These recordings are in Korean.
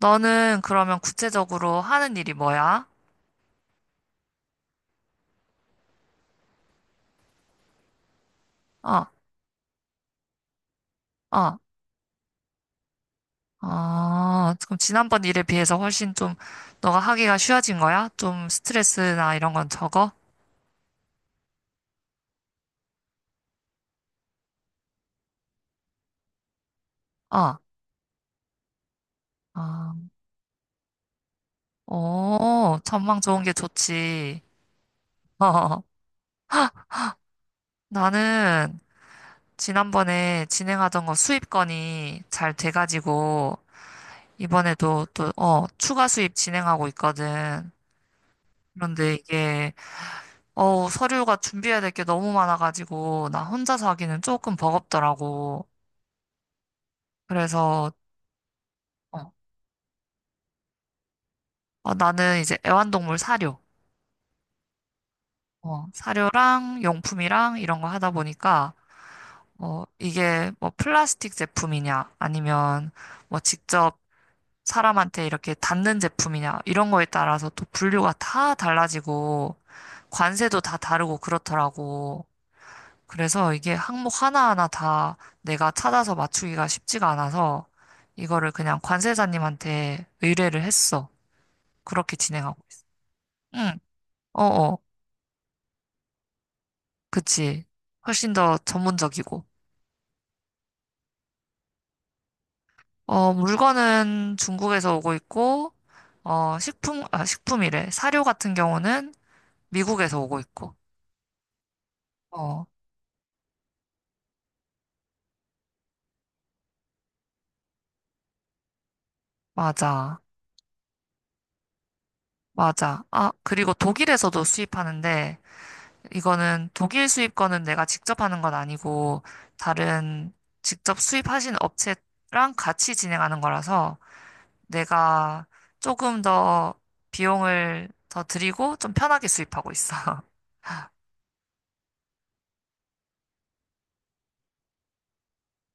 너는 그러면 구체적으로 하는 일이 뭐야? 어, 어, 어, 그럼 지난번 일에 비해서 훨씬 좀 너가 하기가 쉬워진 거야? 좀 스트레스나 이런 건 적어? 어, 어, 오, 전망 좋은 게 좋지. 어, 나는 지난번에 진행하던 거 수입 건이 잘 돼가지고 이번에도 또, 어, 추가 수입 진행하고 있거든. 그런데 이게 어, 서류가 준비해야 될 게 너무 많아가지고, 나 혼자서 하기는 조금 버겁더라고. 그래서, 어, 어, 나는 이제 애완동물 사료, 어, 사료랑 용품이랑 이런 거 하다 보니까, 어, 이게 뭐 플라스틱 제품이냐, 아니면 뭐 직접 사람한테 이렇게 닿는 제품이냐, 이런 거에 따라서 또 분류가 다 달라지고, 관세도 다 다르고 그렇더라고. 그래서 이게 항목 하나하나 다 내가 찾아서 맞추기가 쉽지가 않아서 이거를 그냥 관세사님한테 의뢰를 했어. 그렇게 진행하고 있어. 응, 어어, 그치. 훨씬 더 전문적이고. 어, 물건은 중국에서 오고 있고, 어, 식품, 아, 식품이래. 사료 같은 경우는 미국에서 오고 있고. 어, 맞아. 맞아. 아, 그리고 독일에서도 수입하는데, 이거는 독일 수입 거는 내가 직접 하는 건 아니고 다른 직접 수입하신 업체랑 같이 진행하는 거라서 내가 조금 더 비용을 더 드리고 좀 편하게 수입하고 있어.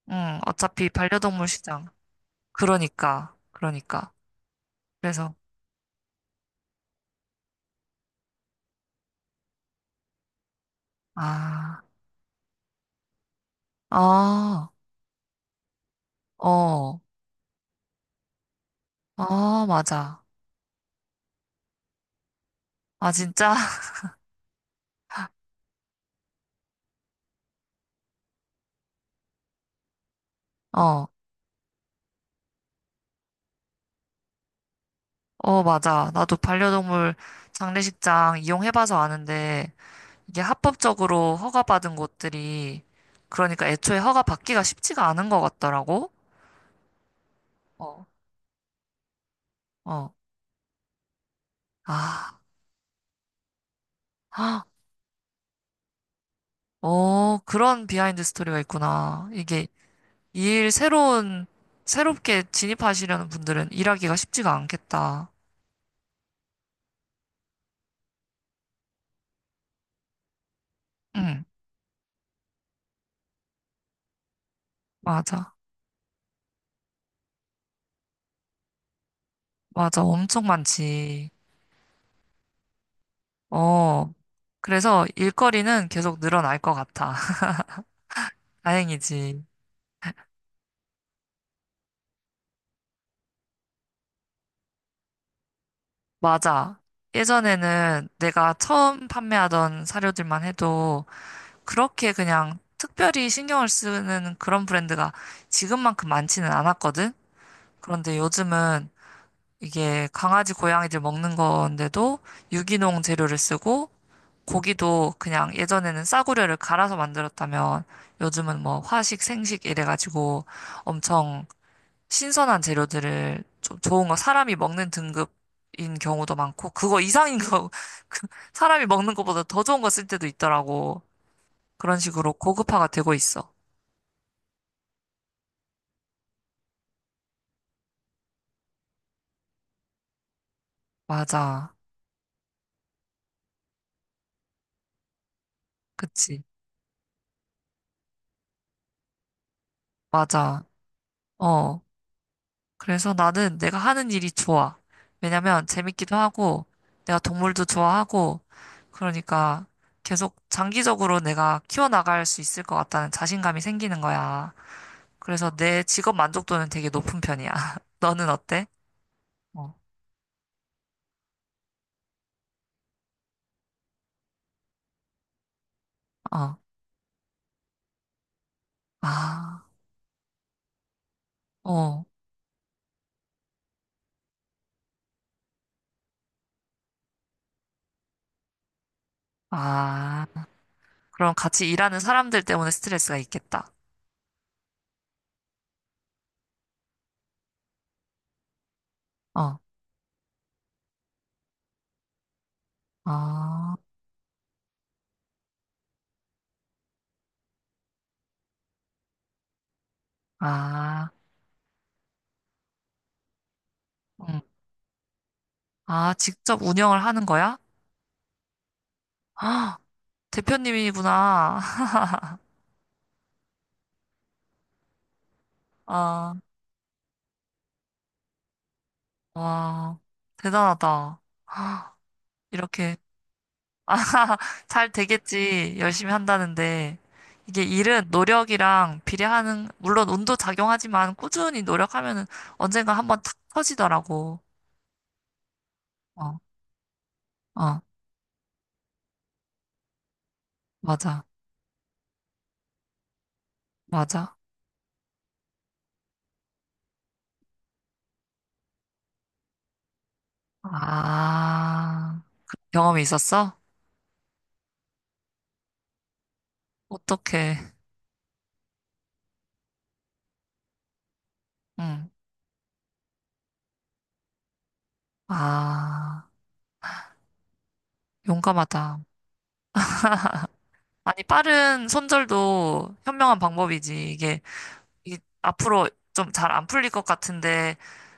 응, 어차피 반려동물 시장. 그러니까, 그러니까. 그래서, 아, 아, 어, 아, 맞아. 아, 진짜? 어, 어, 맞아. 나도 반려동물 장례식장 이용해봐서 아는데, 이게 합법적으로 허가받은 곳들이 그러니까 애초에 허가받기가 쉽지가 않은 것 같더라고. 어. 어. 아. 헉, 어, 그런 비하인드 스토리가 있구나. 이게 이 일 새로운 새롭게 진입하시려는 분들은 일하기가 쉽지가 않겠다. 응. 맞아. 맞아. 엄청 많지. 어. 그래서 일거리는 계속 늘어날 것 같아. 다행이지. 맞아. 예전에는 내가 처음 판매하던 사료들만 해도 그렇게 그냥 특별히 신경을 쓰는 그런 브랜드가 지금만큼 많지는 않았거든? 그런데 요즘은 이게 강아지, 고양이들 먹는 건데도 유기농 재료를 쓰고 고기도 그냥 예전에는 싸구려를 갈아서 만들었다면 요즘은 뭐 화식, 생식 이래가지고 엄청 신선한 재료들을 좀 좋은 거 사람이 먹는 등급인 경우도 많고 그거 이상인 거 그 사람이 먹는 것보다 더 좋은 거 쓸 때도 있더라고. 그런 식으로 고급화가 되고 있어. 맞아. 그치. 맞아. 어. 그래서 나는 내가 하는 일이 좋아. 왜냐면 재밌기도 하고, 내가 동물도 좋아하고, 그러니까 계속 장기적으로 내가 키워나갈 수 있을 것 같다는 자신감이 생기는 거야. 그래서 내 직업 만족도는 되게 높은 편이야. 너는 어때? 어. 어. 아. 어. 아. 그럼 같이 일하는 사람들 때문에 스트레스가 있겠다. 어. 아. 아. 음. 아, 직접 운영을 하는 거야? 아, 대표님이구나. 아, 와, 대단하다. 아, 이렇게, 아, 잘 되겠지. 열심히 한다는데. 이게 일은 노력이랑 비례하는, 물론 운도 작용하지만 꾸준히 노력하면은 언젠가 한번 탁 터지더라고. 어, 어, 맞아, 맞아. 아, 경험이 있었어? 어떡해. 응. 아, 용감하다. 아니, 빠른 손절도 현명한 방법이지. 이게 앞으로 좀 잘 안 풀릴 것 같은데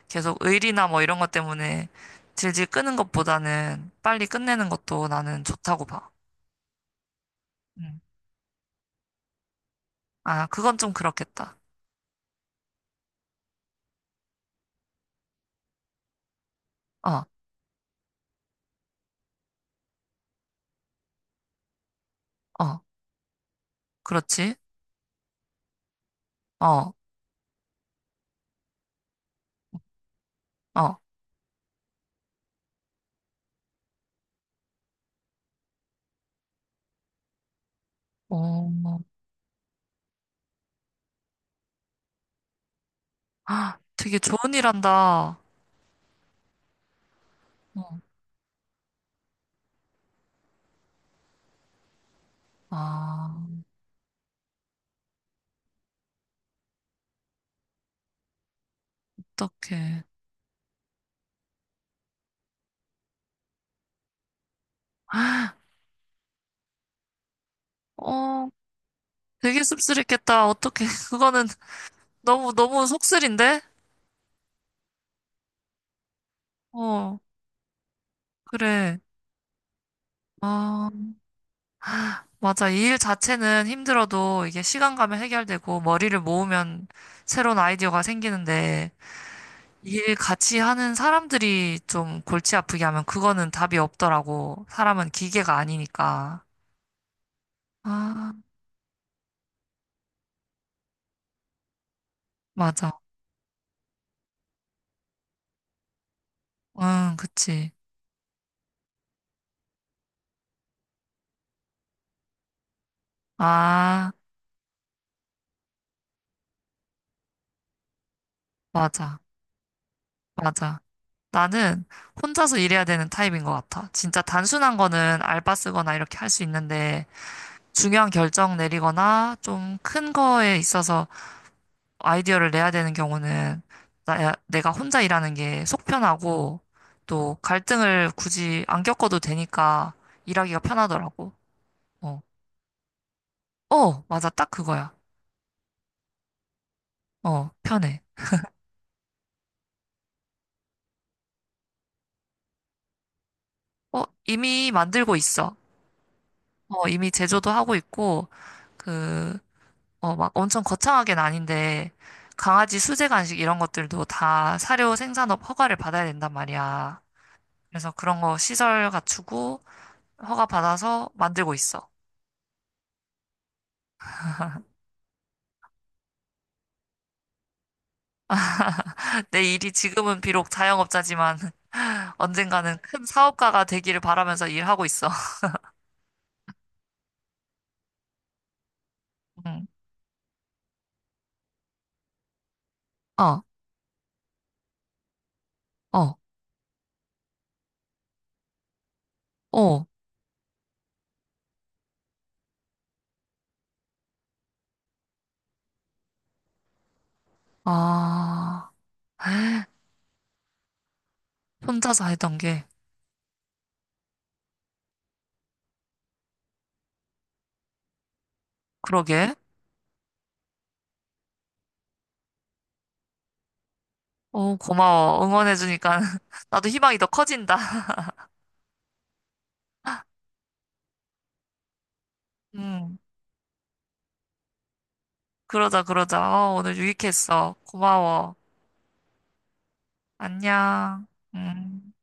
계속 의리나 뭐 이런 것 때문에 질질 끄는 것보다는 빨리 끝내는 것도 나는 좋다고 봐. 음. 아, 그건 좀 그렇겠다. 어, 어, 그렇지. 어, 어. 어, 아, 되게 좋은 일 한다. 어, 아, 어떡해. 어, 되게 씁쓸했겠다. 어떡해. 그거는 너무, 너무 속쓰린데? 어, 그래. 아, 맞아. 이 일 자체는 힘들어도 이게 시간 가면 해결되고 머리를 모으면 새로운 아이디어가 생기는데 이 일 같이 하는 사람들이 좀 골치 아프게 하면 그거는 답이 없더라고. 사람은 기계가 아니니까. 아, 맞아. 응, 그치. 아, 맞아. 맞아. 나는 혼자서 일해야 되는 타입인 것 같아. 진짜 단순한 거는 알바 쓰거나 이렇게 할 수 있는데 중요한 결정 내리거나 좀 큰 거에 있어서 아이디어를 내야 되는 경우는 내가 혼자 일하는 게 속 편하고 또 갈등을 굳이 안 겪어도 되니까 일하기가 편하더라고. 어, 어, 맞아. 딱 그거야. 어, 편해. 어, 이미 만들고 있어. 어, 이미 제조도 하고 있고, 그, 어, 막 엄청 거창하게는 아닌데, 강아지 수제 간식 이런 것들도 다 사료 생산업 허가를 받아야 된단 말이야. 그래서 그런 거 시설 갖추고 허가 받아서 만들고 있어. 내 일이 지금은 비록 자영업자지만 언젠가는 큰 사업가가 되기를 바라면서 일하고 있어. 응. 어, 어, 어. 아, 혼자서 했던 게. 그러게. 어, 고마워. 응원해주니까 나도 희망이 더 커진다. 응. 그러자, 그러자. 어, 오늘 유익했어. 고마워. 안녕. 음.